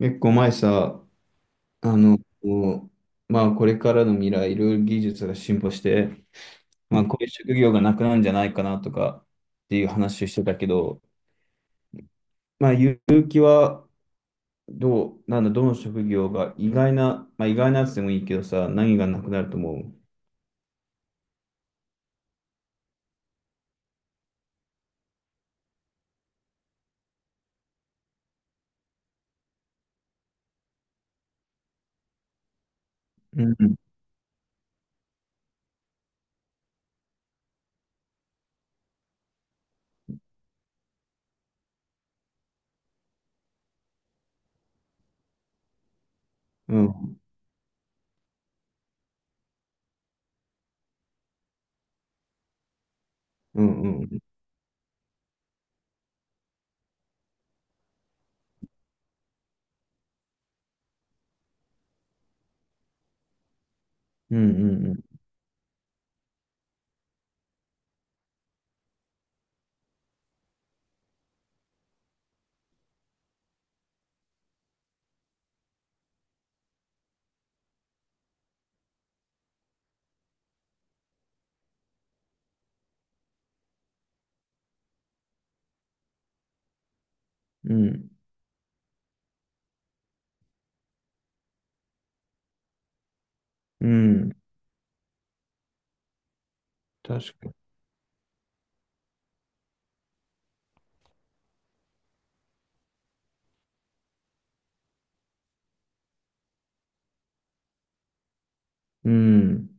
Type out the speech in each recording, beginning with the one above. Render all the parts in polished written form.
結構前さ、あの、こまあこれからの未来、いろいろ技術が進歩して、まあこういう職業がなくなるんじゃないかなとかっていう話をしてたけど、まあ結城はどう、なんだ、どの職業が意外な、まあ意外なやつでもいいけどさ、何がなくなると思う？うんうんうんうんうんうんうんうんうん。確かに。うん。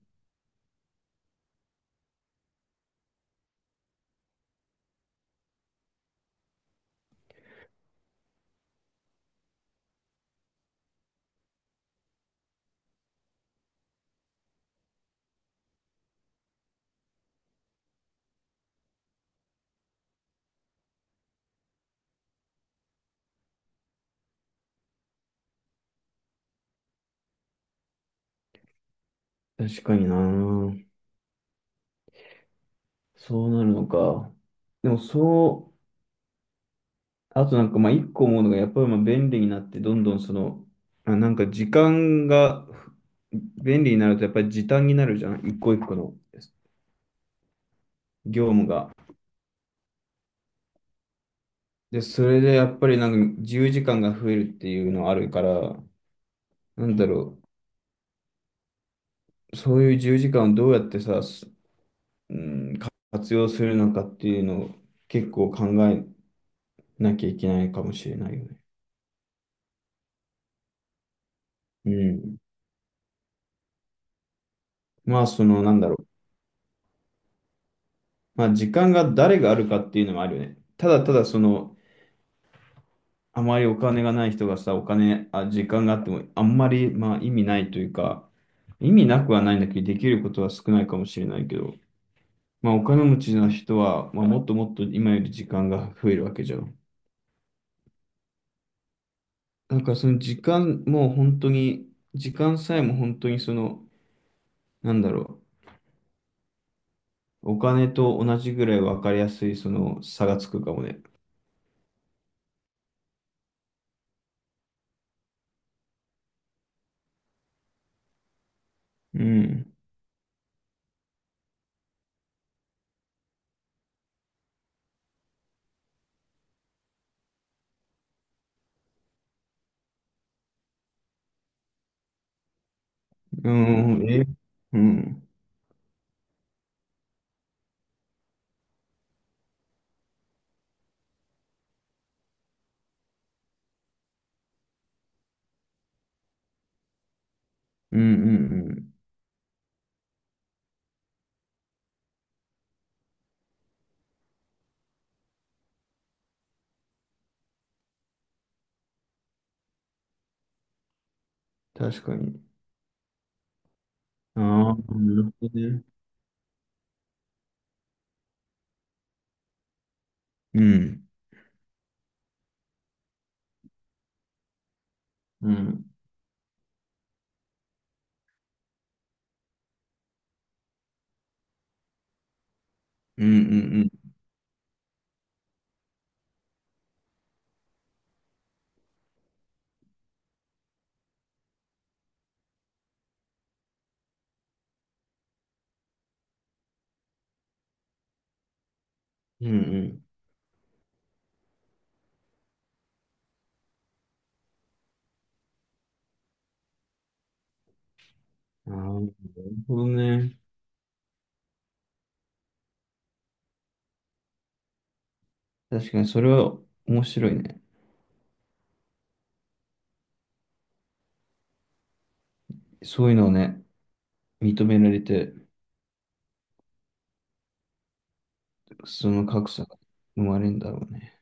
確かにな。そうなるのか。でもそう。あとなんかまあ一個思うのがやっぱりまあ便利になってどんどんその、あ、なんか時間が便利になるとやっぱり時短になるじゃん、一個一個の業務が。で、それでやっぱりなんか自由時間が増えるっていうのあるから、なんだろう、そういう自由時間をどうやってさ、すうん、活用するのかっていうのを結構考えなきゃいけないかもしれないよね。うん。まあそのなんだろう、まあ時間が誰があるかっていうのもあるよね。ただただそのあまりお金がない人がさ、お金、あ、時間があっても、あんまり、まあ、意味ないというか、意味なくはないんだけど、できることは少ないかもしれないけど、まあ、お金持ちの人は、まあ、もっともっと今より時間が増えるわけじゃん。なんか、その時間も本当に、時間さえも本当にその、なんだろう、お金と同じぐらい分かりやすい、その差がつくかもね。うん。うん。え、うん。うん。うん。うん。確かに。ああ、なるほどね。うん。うん。うんうんうん。うんうん。ああ、なるほどね。確かにそれは面白いね。そういうのをね、認められて、その格差が生まれるんだろうね。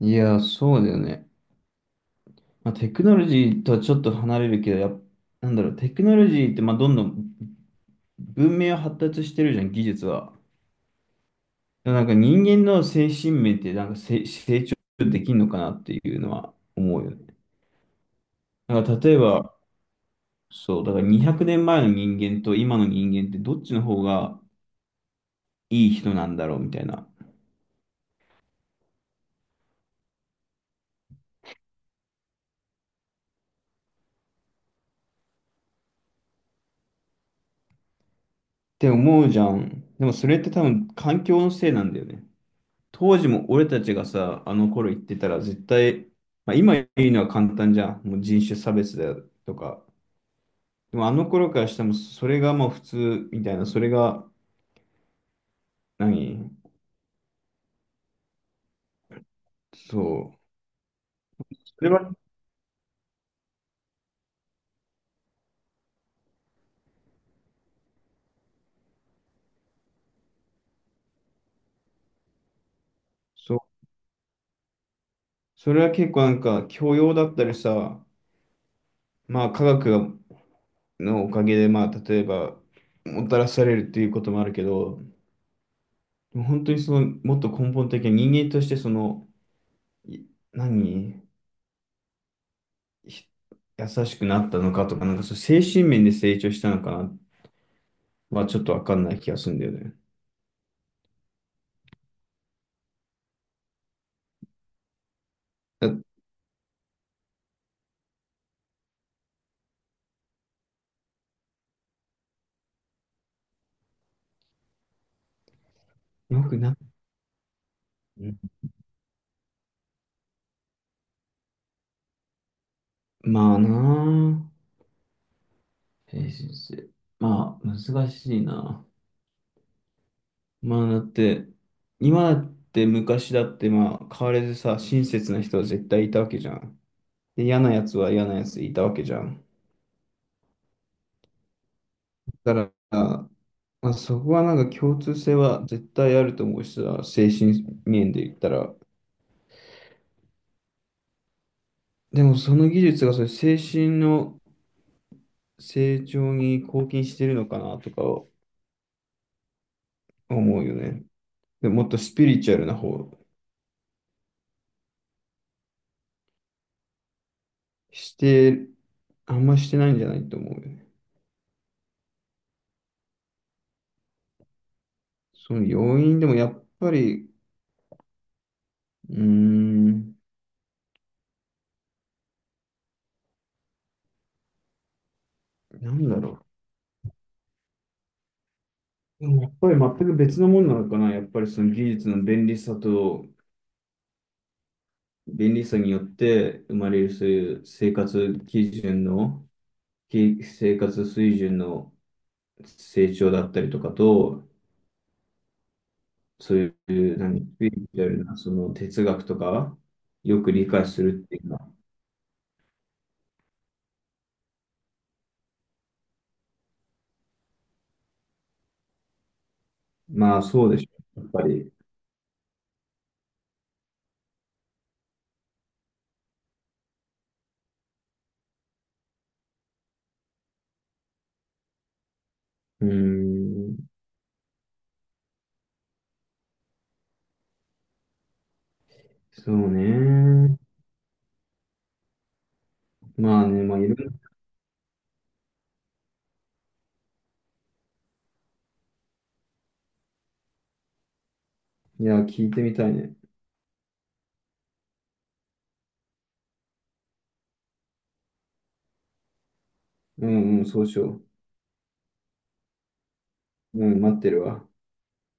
いやー、そうだよね。まあ、テクノロジーとはちょっと離れるけど、なんだろう、テクノロジーってまあどんどん文明は発達してるじゃん、技術は。でもなんか人間の精神面ってなんか成長できるのかなっていうのは思うよね。なんか例えば、そう、だから200年前の人間と今の人間ってどっちの方がいい人なんだろうみたいな。って思うじゃん。でもそれって多分環境のせいなんだよね。当時も俺たちがさ、あの頃言ってたら絶対、まあ、今言うのは簡単じゃん。もう人種差別だとか。でもあの頃からしてもそれがもう普通みたいな、何そう。それは、そう。それは結構なんか教養だったりさ、まあ科学がのおかげで、まあ、例えば、もたらされるっていうこともあるけど、でも本当にその、もっと根本的な人間として、その、い何、ひ優しくなったのかとか、なんかそう、精神面で成長したのかなは、ちょっとわかんない気がするんだよね。だよくな、うんまあなあ、精神性。まあ、難しいな。まあ、だって、今だって昔だって、まあ、変わらずさ、親切な人は絶対いたわけじゃん。で、嫌なやつは嫌なやついたわけじゃん。だから、まあ、そこはなんか共通性は絶対あると思うしさ、精神面で言ったら。でもその技術がそういう精神の成長に貢献してるのかなとか思うよね。でもっとスピリチュアルな方、して、あんましてないんじゃないと思うよね。その要因でもやっぱり、うーん、なんだろう。でもやっぱり全く別のものなのかな。やっぱりその技術の便利さと便利さによって生まれるそういう生活基準の、生活水準の成長だったりとかと、そういう、スピリチュアルな、その哲学とか、よく理解するっていうのは、まあそうでしょう、やっぱり。うーん、そうね。まあね、まあいろいろ、いや、聞いてみたいね。うんうん、そうしよう。うん、待ってるわ。